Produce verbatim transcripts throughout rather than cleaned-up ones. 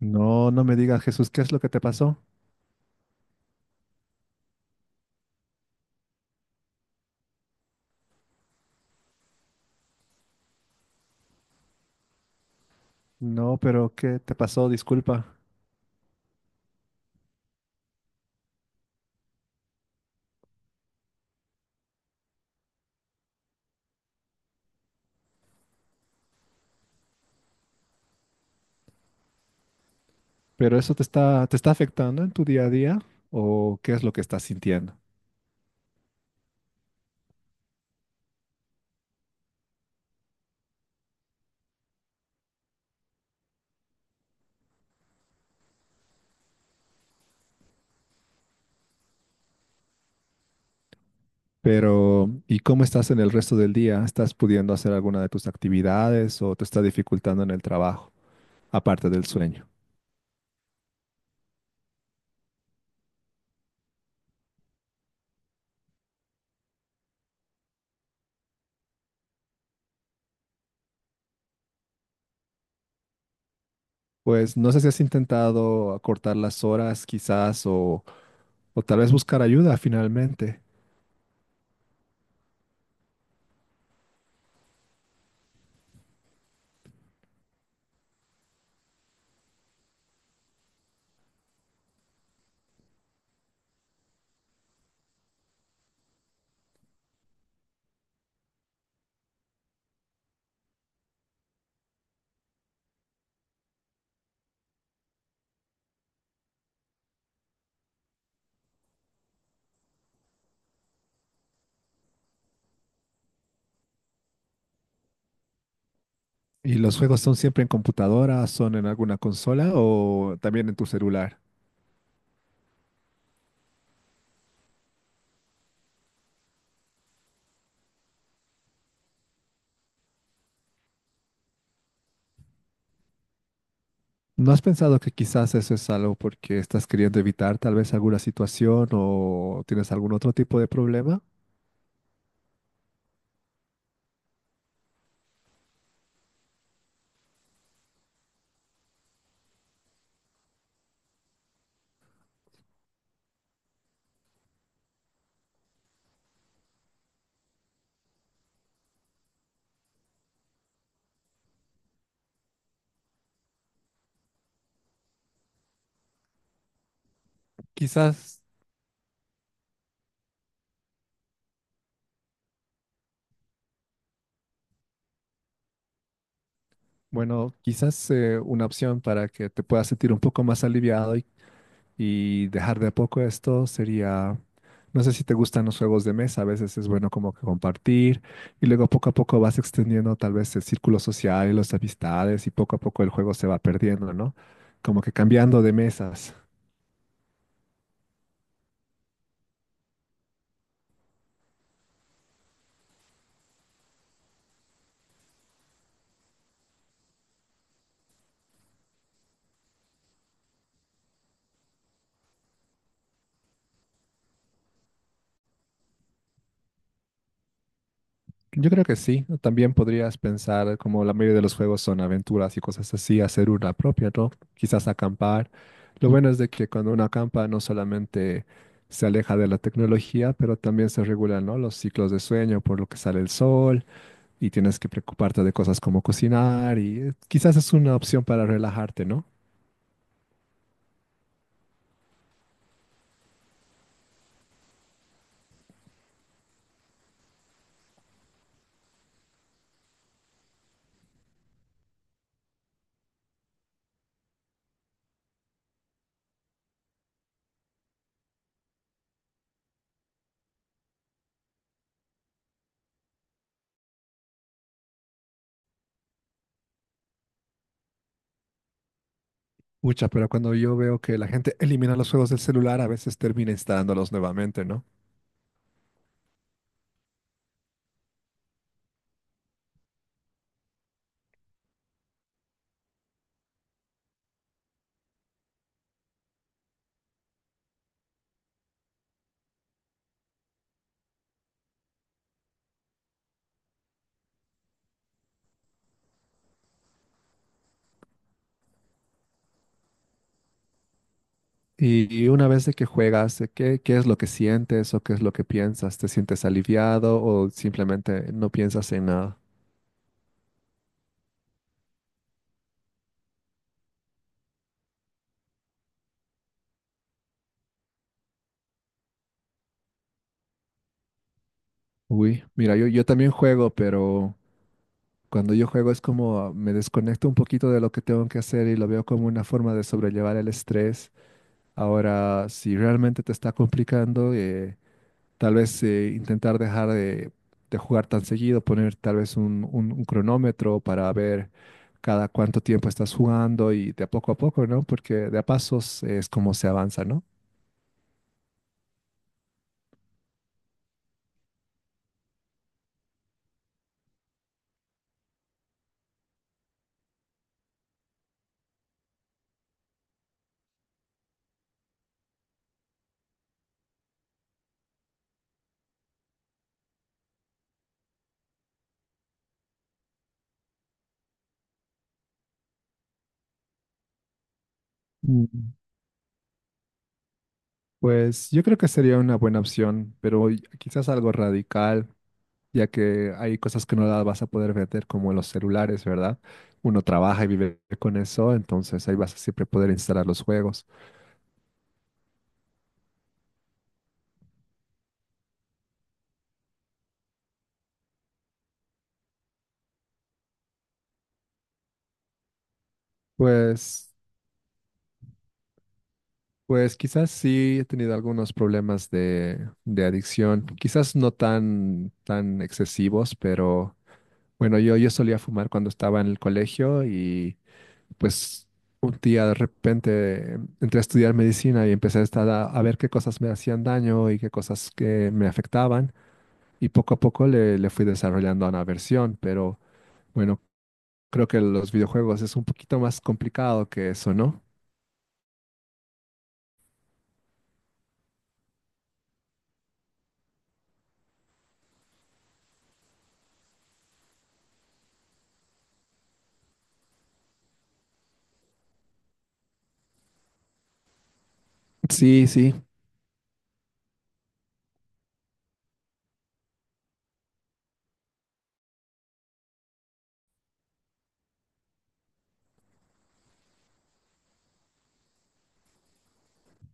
No, no me digas, Jesús, ¿qué es lo que te pasó? No, pero ¿qué te pasó? Disculpa. ¿Pero eso te está, te está afectando en tu día a día? ¿O qué es lo que estás sintiendo? Pero, ¿y cómo estás en el resto del día? ¿Estás pudiendo hacer alguna de tus actividades o te está dificultando en el trabajo, aparte del sueño? Pues no sé si has intentado acortar las horas quizás o, o tal vez buscar ayuda finalmente. ¿Y los juegos son siempre en computadora, son en alguna consola o también en tu celular? ¿No has pensado que quizás eso es algo porque estás queriendo evitar tal vez alguna situación o tienes algún otro tipo de problema? Quizás, bueno, quizás eh, una opción para que te puedas sentir un poco más aliviado y, y dejar de a poco esto sería, no sé si te gustan los juegos de mesa, a veces es bueno como que compartir y luego poco a poco vas extendiendo tal vez el círculo social y las amistades y poco a poco el juego se va perdiendo, ¿no? Como que cambiando de mesas. Yo creo que sí. También podrías pensar, como la mayoría de los juegos son aventuras y cosas así, hacer una propia, ¿no? Quizás acampar. Lo bueno es de que cuando uno acampa no solamente se aleja de la tecnología, pero también se regulan, ¿no? Los ciclos de sueño por lo que sale el sol y tienes que preocuparte de cosas como cocinar y eh, quizás es una opción para relajarte, ¿no? Mucha, pero cuando yo veo que la gente elimina los juegos del celular, a veces termina instalándolos nuevamente, ¿no? Y y una vez de que juegas, eh, ¿qué, qué es lo que sientes o qué es lo que piensas? ¿Te sientes aliviado o simplemente no piensas en nada? Uy, mira, yo, yo también juego, pero cuando yo juego es como ah, me desconecto un poquito de lo que tengo que hacer y lo veo como una forma de sobrellevar el estrés. Ahora, si realmente te está complicando, eh, tal vez eh, intentar dejar de, de jugar tan seguido, poner tal vez un, un- un cronómetro para ver cada cuánto tiempo estás jugando y de a poco a poco, ¿no? Porque de a pasos es como se avanza, ¿no? Mm. Pues yo creo que sería una buena opción, pero y- quizás algo radical, ya que hay cosas que no las vas a poder vender, como los celulares, ¿verdad? Uno trabaja y vive con eso, entonces ahí vas a siempre poder instalar los juegos. Pues, pues quizás sí he tenido algunos problemas de, de adicción, quizás no tan, tan excesivos, pero bueno, yo, yo solía fumar cuando estaba en el colegio y pues un día de repente entré a estudiar medicina y empecé a estar a, a ver qué cosas me hacían daño y qué cosas que me afectaban y poco a poco le, le fui desarrollando una versión, pero bueno, creo que los videojuegos es un poquito más complicado que eso, ¿no? Sí, sí.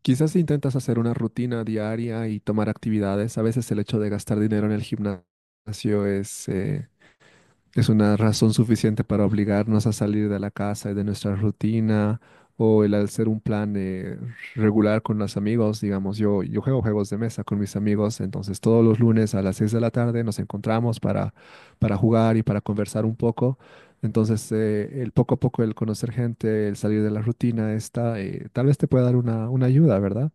Quizás si intentas hacer una rutina diaria y tomar actividades, a veces el hecho de gastar dinero en el gimnasio es, eh, es una razón suficiente para obligarnos a salir de la casa y de nuestra rutina o el hacer un plan eh, regular con los amigos. Digamos, yo, yo juego juegos de mesa con mis amigos, entonces todos los lunes a las seis de la tarde nos encontramos para, para jugar y para conversar un poco. Entonces, eh, el poco a poco, el conocer gente, el salir de la rutina, esta, eh, tal vez te pueda dar una, una ayuda, ¿verdad?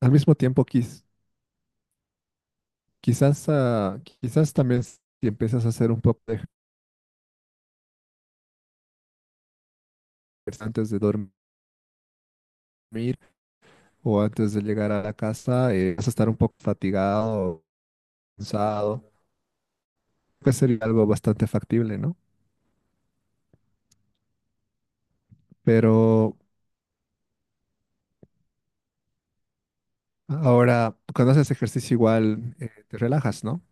Al mismo tiempo, quiz- quizás, ah, quizás también si empiezas a hacer un poco de ejercicio antes de dormir, o antes de llegar a la casa, eh, vas a estar un poco fatigado, cansado, pues sería algo bastante factible, ¿no? Pero ahora, cuando haces ejercicio igual, eh, te relajas, ¿no?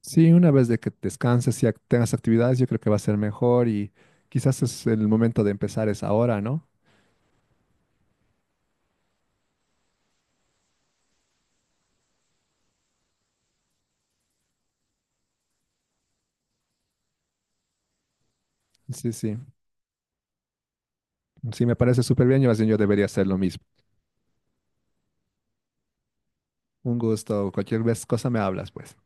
Sí, una vez de que descanses y ac- tengas actividades, yo creo que va a ser mejor y quizás es el momento de empezar es ahora, ¿no? Sí, sí, sí, me parece súper bien y más bien yo debería hacer lo mismo. Un gusto, cualquier vez cosa me hablas, pues.